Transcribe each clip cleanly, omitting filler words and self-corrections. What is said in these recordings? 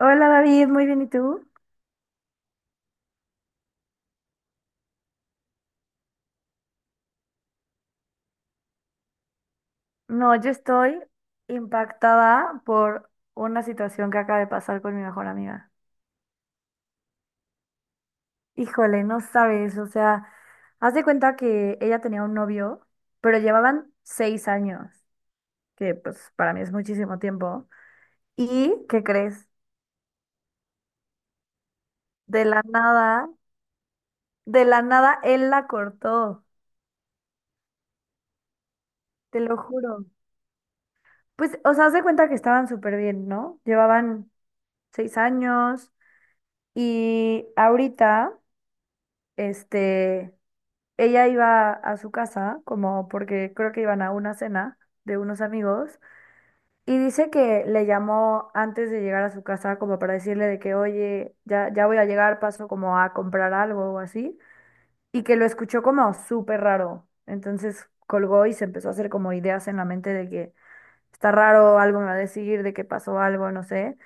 Hola David, muy bien, ¿y tú? No, yo estoy impactada por una situación que acaba de pasar con mi mejor amiga. Híjole, no sabes, o sea, haz de cuenta que ella tenía un novio, pero llevaban 6 años, que pues para mí es muchísimo tiempo. ¿Y qué crees? De la nada, de la nada él la cortó, te lo juro. Pues, o sea, haz de cuenta que estaban súper bien, ¿no? Llevaban 6 años y ahorita, este, ella iba a su casa, como porque creo que iban a una cena de unos amigos, y dice que le llamó antes de llegar a su casa como para decirle de que, oye, ya, ya voy a llegar, paso como a comprar algo o así, y que lo escuchó como súper raro. Entonces colgó y se empezó a hacer como ideas en la mente de que está raro, algo me va a decir de que pasó algo, no sé.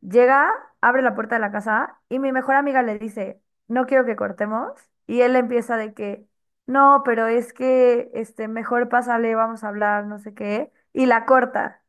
Llega, abre la puerta de la casa y mi mejor amiga le dice, no quiero que cortemos. Y él empieza de que, no, pero es que, mejor pásale, vamos a hablar, no sé qué. Y la corta.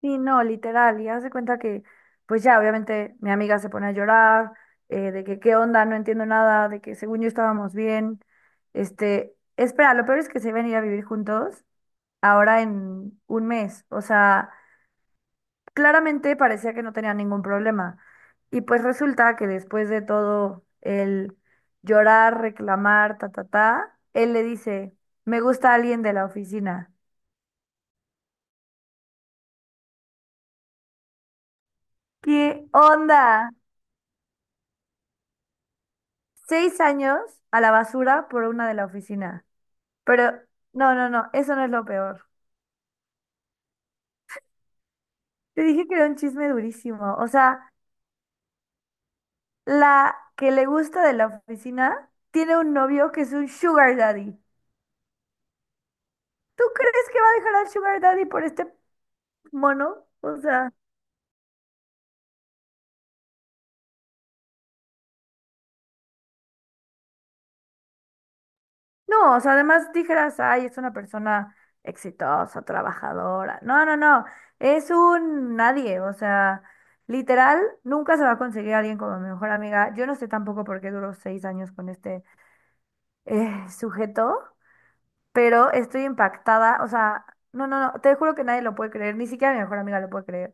Y no, literal. Y hace cuenta que, pues ya, obviamente mi amiga se pone a llorar, de que qué onda, no entiendo nada, de que según yo estábamos bien. Espera, lo peor es que se iban a ir a vivir juntos ahora en un mes. O sea, claramente parecía que no tenía ningún problema. Y pues resulta que después de todo el llorar, reclamar, ta, ta, ta, él le dice, me gusta alguien de la oficina. ¿Qué onda? 6 años a la basura por una de la oficina. Pero no, no, no, eso no es lo peor. Te dije que era un chisme durísimo. O sea, la que le gusta de la oficina tiene un novio que es un sugar daddy. ¿Tú crees que va a dejar al sugar daddy por este mono? O sea. No, o sea, además dijeras, ay, es una persona exitosa, trabajadora. No, no, no, es un nadie, o sea, literal, nunca se va a conseguir alguien como mi mejor amiga. Yo no sé tampoco por qué duró 6 años con este sujeto, pero estoy impactada, o sea, no, no, no, te juro que nadie lo puede creer, ni siquiera mi mejor amiga lo puede creer.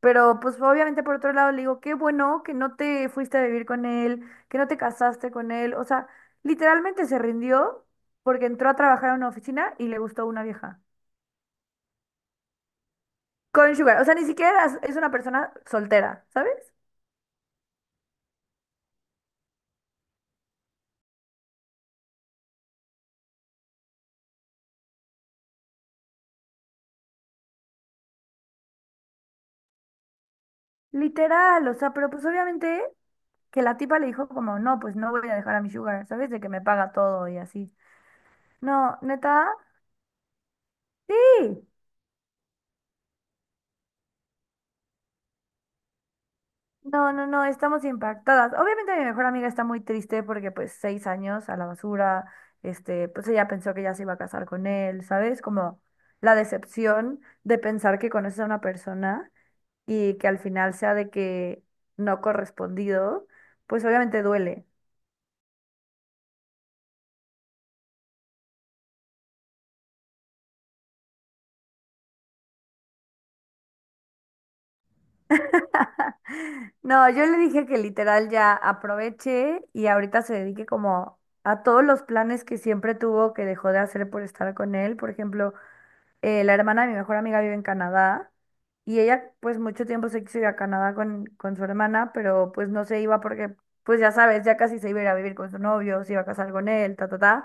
Pero pues obviamente por otro lado le digo, qué bueno que no te fuiste a vivir con él, que no te casaste con él. O sea, literalmente se rindió porque entró a trabajar a una oficina y le gustó una vieja. Sugar, o sea, ni siquiera es una persona soltera, ¿sabes? Literal, o sea, pero pues obviamente que la tipa le dijo como, no, pues no voy a dejar a mi sugar, ¿sabes? De que me paga todo y así. No, neta, sí. No, no, no, estamos impactadas. Obviamente mi mejor amiga está muy triste porque pues 6 años a la basura, pues ella pensó que ya se iba a casar con él, ¿sabes? Como la decepción de pensar que conoces a una persona y que al final sea de que no correspondido, pues obviamente duele. No, yo le dije que literal ya aproveche y ahorita se dedique como a todos los planes que siempre tuvo que dejó de hacer por estar con él. Por ejemplo, la hermana de mi mejor amiga vive en Canadá y ella pues mucho tiempo se quiso ir a Canadá con, su hermana, pero pues no se iba porque pues ya sabes, ya casi se iba a ir a vivir con su novio, se iba a casar con él, ta, ta, ta.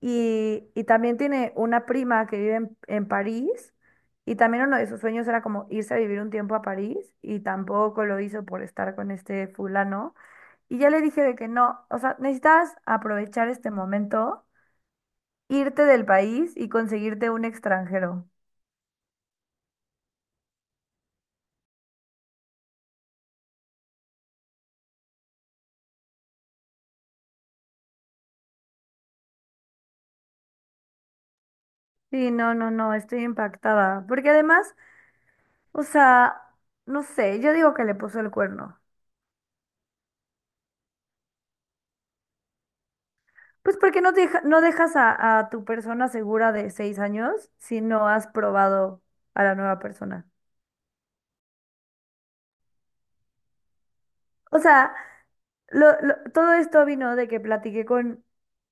Y también tiene una prima que vive en, París y también uno de sus sueños era como irse a vivir un tiempo a París y tampoco lo hizo por estar con este fulano. Y ya le dije de que no, o sea, necesitas aprovechar este momento, irte del país y conseguirte un extranjero. Sí, no, no, no, estoy impactada. Porque además, o sea, no sé, yo digo que le puso el cuerno. Pues porque no, no dejas a, tu persona segura de 6 años si no has probado a la nueva persona. O sea, todo esto vino de que platiqué con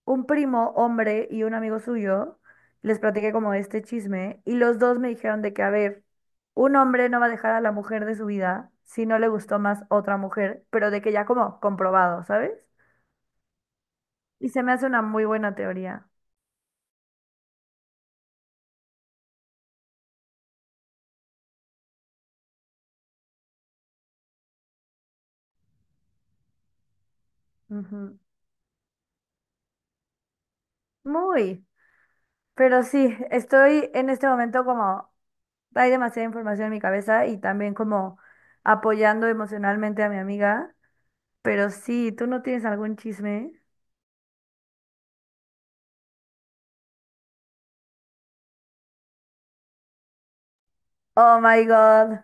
un primo hombre y un amigo suyo, les platiqué como este chisme y los dos me dijeron de que, a ver, un hombre no va a dejar a la mujer de su vida si no le gustó más otra mujer, pero de que ya como comprobado, ¿sabes? Y se me hace una muy buena teoría. Ujú. Muy. Pero sí, estoy en este momento como, hay demasiada información en mi cabeza y también como apoyando emocionalmente a mi amiga. Pero sí, ¿tú no tienes algún chisme? Oh my God.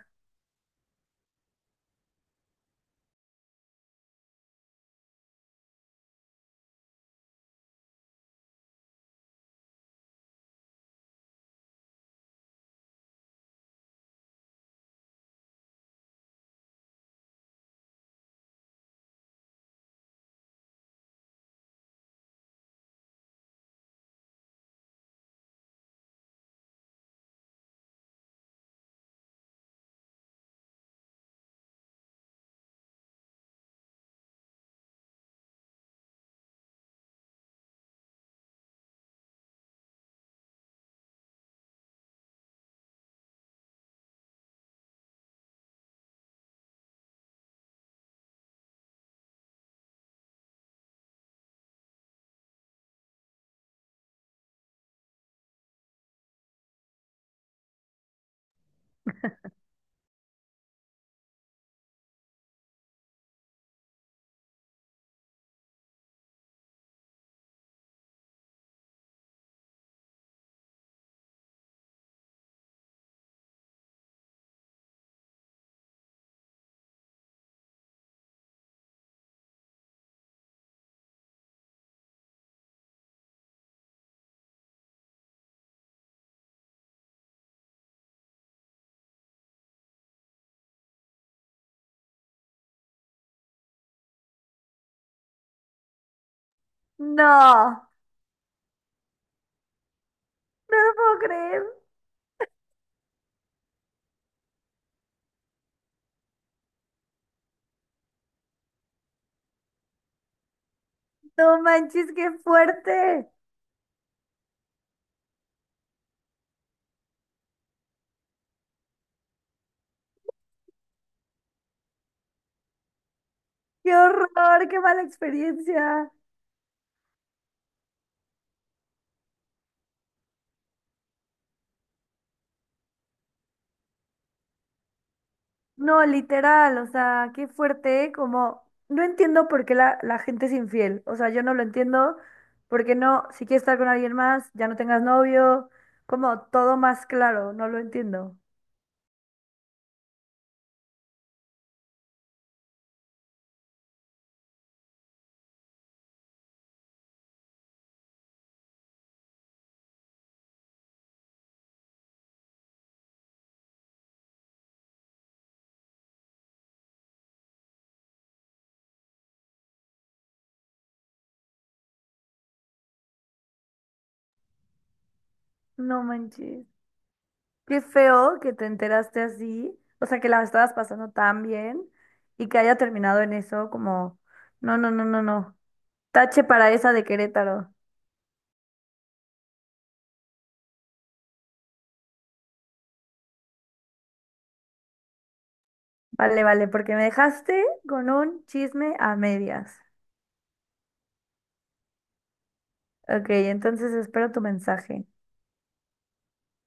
No, no lo puedo creer. No manches, qué fuerte. Qué horror, qué mala experiencia. No, literal, o sea, qué fuerte, como no entiendo por qué la, gente es infiel, o sea, yo no lo entiendo, porque no, si quieres estar con alguien más, ya no tengas novio, como todo más claro, no lo entiendo. No manches. Qué feo que te enteraste así, o sea, que la estabas pasando tan bien y que haya terminado en eso, como, no, no, no, no, no. Tache para esa de Querétaro. Vale, vale, porque me dejaste con un chisme a medias. Ok, entonces espero tu mensaje.